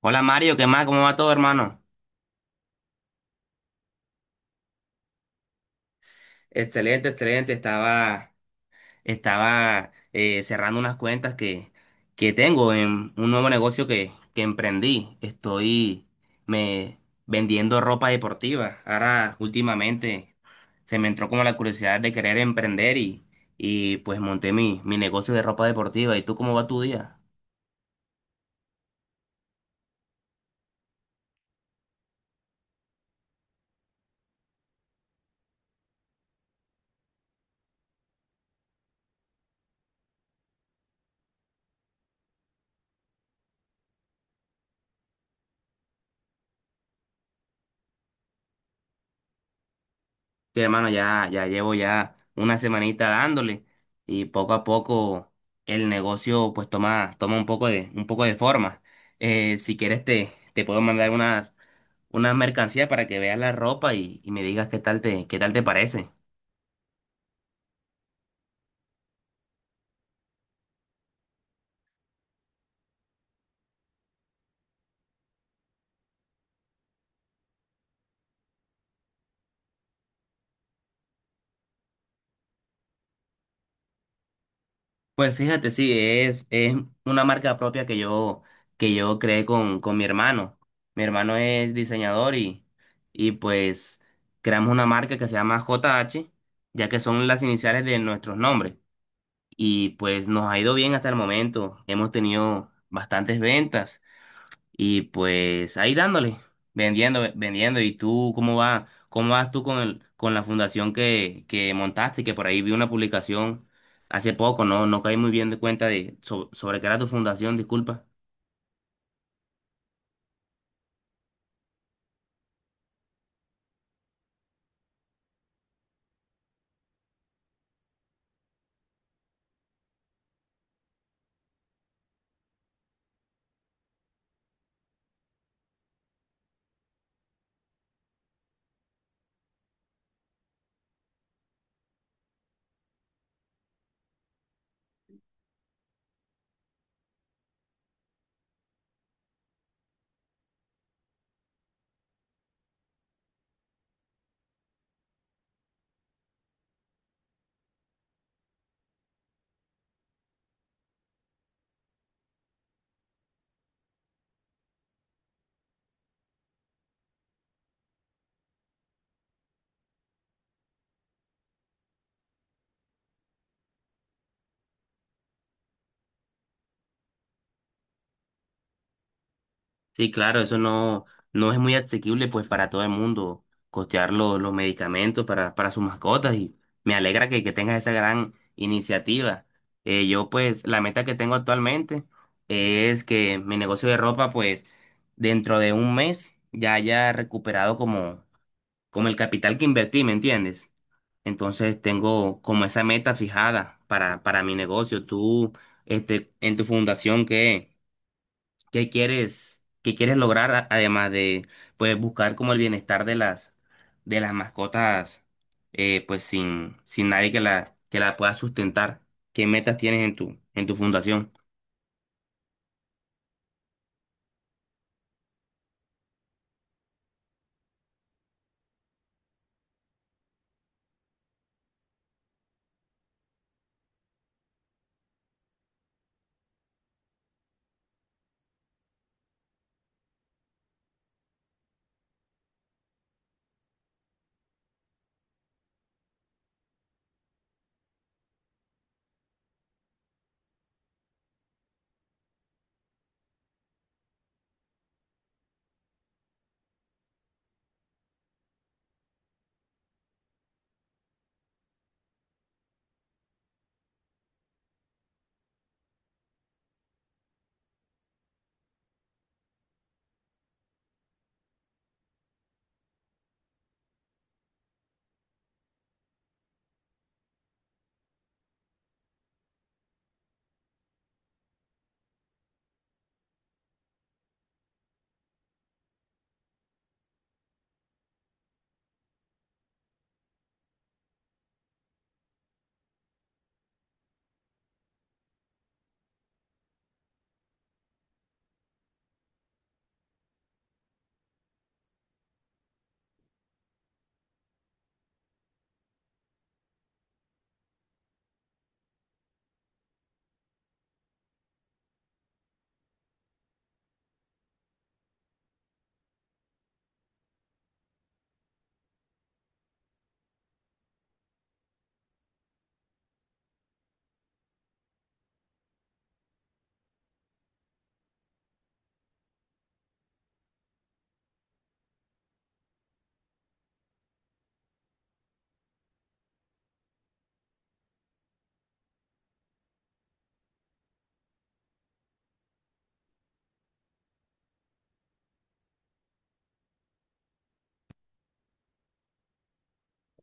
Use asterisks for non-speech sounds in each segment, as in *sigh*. Hola Mario, ¿qué más? ¿Cómo va todo, hermano? Excelente, excelente. Estaba cerrando unas cuentas que tengo en un nuevo negocio que emprendí. Estoy me vendiendo ropa deportiva. Ahora, últimamente, se me entró como la curiosidad de querer emprender y pues monté mi negocio de ropa deportiva. ¿Y tú cómo va tu día? Sí, hermano, ya llevo ya una semanita dándole y poco a poco el negocio pues toma un poco un poco de forma. Si quieres te puedo mandar unas, unas mercancías para que veas la ropa y me digas qué tal qué tal te parece. Pues fíjate, sí, es una marca propia que yo creé con mi hermano. Mi hermano es diseñador y pues creamos una marca que se llama JH, ya que son las iniciales de nuestros nombres. Y pues nos ha ido bien hasta el momento. Hemos tenido bastantes ventas y pues ahí dándole, vendiendo, vendiendo. ¿Y tú cómo va? ¿Cómo vas tú con el, con la fundación que montaste? Que por ahí vi una publicación hace poco, no caí muy bien de cuenta de sobre qué era tu fundación, disculpa. Sí, claro, eso no es muy asequible pues para todo el mundo costear los medicamentos para sus mascotas y me alegra que tengas esa gran iniciativa. Yo pues la meta que tengo actualmente es que mi negocio de ropa pues dentro de un mes ya haya recuperado como, como el capital que invertí, ¿me entiendes? Entonces tengo como esa meta fijada para mi negocio. Tú, este, en tu fundación, ¿qué? Qué quieres lograr además de pues buscar como el bienestar de las mascotas pues sin sin nadie que la que la pueda sustentar? ¿Qué metas tienes en tu fundación?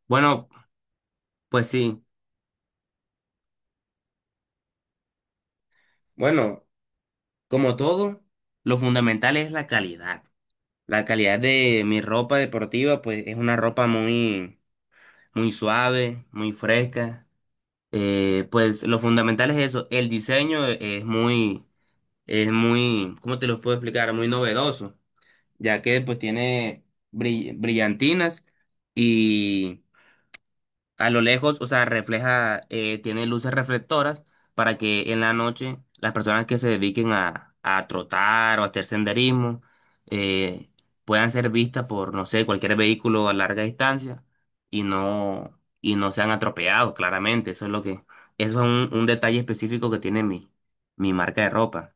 Bueno, pues sí. Bueno, como todo, lo fundamental es la calidad. La calidad de mi ropa deportiva pues es una ropa muy muy suave, muy fresca. Pues lo fundamental es eso. El diseño es muy, ¿cómo te lo puedo explicar? Muy novedoso, ya que pues tiene brillantinas y a lo lejos, o sea, refleja, tiene luces reflectoras para que en la noche las personas que se dediquen a trotar o a hacer senderismo eh, puedan ser vistas por, no sé, cualquier vehículo a larga distancia y no sean atropellados, claramente. Eso es un detalle específico que tiene mi, mi marca de ropa.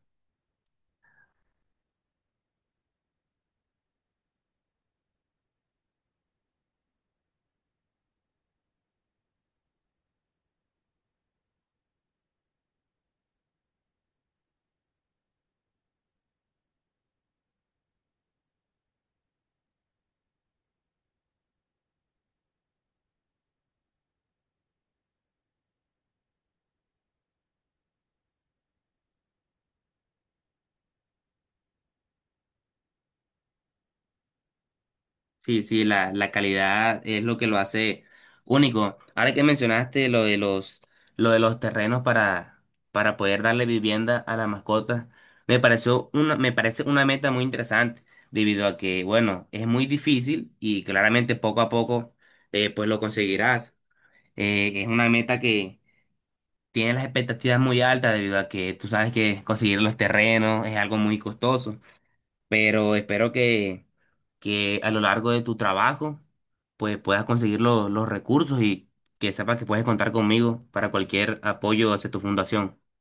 Sí, sí, la calidad es lo que lo hace único. Ahora que mencionaste lo de los terrenos para poder darle vivienda a las mascotas, me parece una meta muy interesante, debido a que, bueno, es muy difícil y claramente poco a poco pues lo conseguirás. Es una meta que tiene las expectativas muy altas, debido a que tú sabes que conseguir los terrenos es algo muy costoso, pero espero que a lo largo de tu trabajo, pues puedas conseguir los recursos y que sepas que puedes contar conmigo para cualquier apoyo hacia tu fundación. *laughs*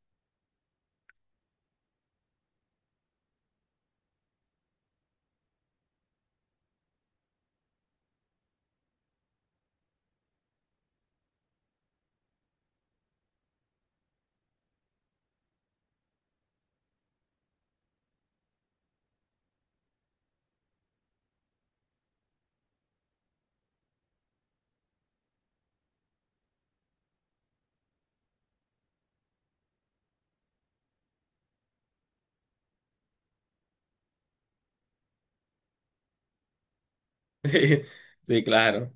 Sí, sí, claro.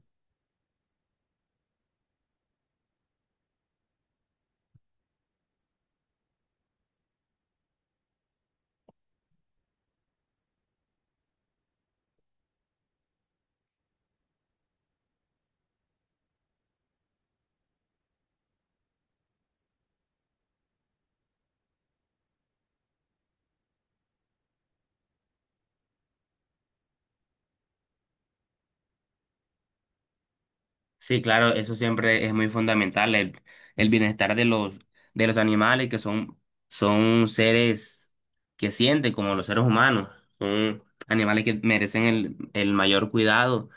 Sí, claro, eso siempre es muy fundamental, el bienestar de los animales que son, son seres que sienten como los seres humanos, son animales que merecen el mayor cuidado.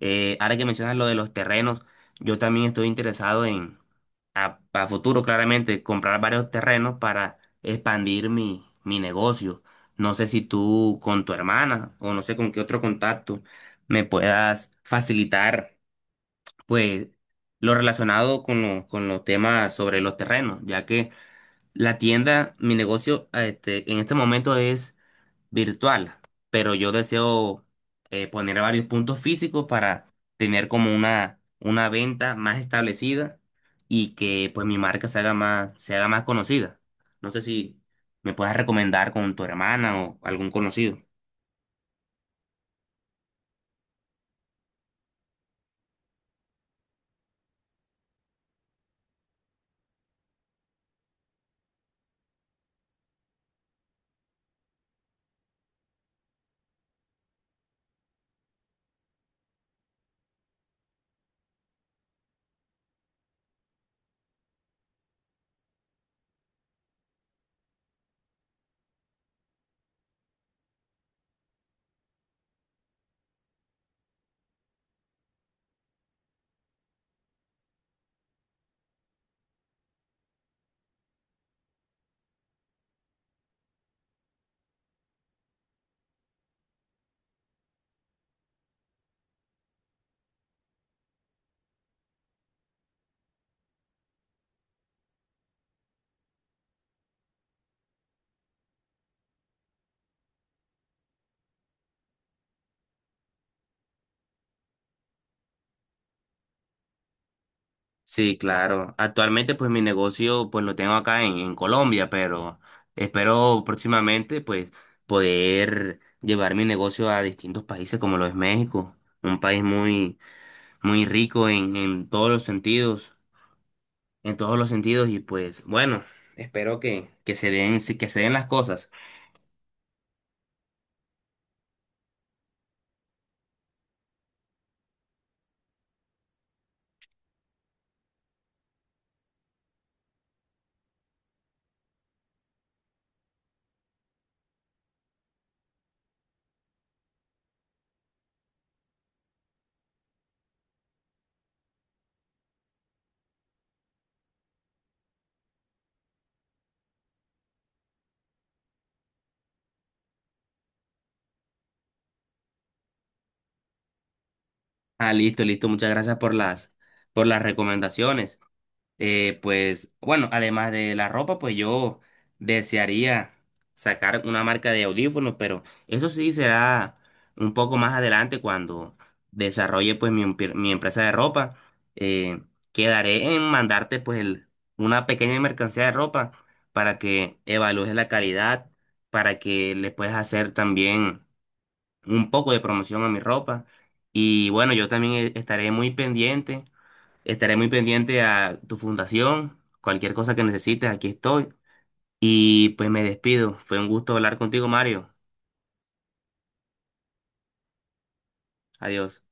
Ahora que mencionas lo de los terrenos, yo también estoy interesado a futuro claramente, comprar varios terrenos para expandir mi, mi negocio. No sé si tú con tu hermana o no sé con qué otro contacto me puedas facilitar. Pues lo relacionado con, lo- con los temas sobre los terrenos, ya que la tienda, mi negocio en este momento es virtual, pero yo deseo poner varios puntos físicos para tener como una venta más establecida y que pues mi marca se haga más conocida. No sé si me puedes recomendar con tu hermana o algún conocido. Sí, claro. Actualmente, pues mi negocio, pues lo tengo acá en Colombia, pero espero próximamente, pues, poder llevar mi negocio a distintos países como lo es México, un país muy, muy rico en todos los sentidos, en todos los sentidos, y pues, bueno, espero que se den las cosas. Ah, listo, listo. Muchas gracias por las recomendaciones. Pues bueno, además de la ropa, pues yo desearía sacar una marca de audífonos, pero eso sí será un poco más adelante cuando desarrolle pues mi, mi empresa de ropa. Eh, Quedaré en mandarte pues una pequeña mercancía de ropa para que evalúes la calidad, para que le puedas hacer también un poco de promoción a mi ropa. Y bueno, yo también estaré muy pendiente Estaré Muy pendiente a tu fundación, cualquier cosa que necesites, aquí estoy. Y pues me despido. Fue un gusto hablar contigo, Mario. Adiós.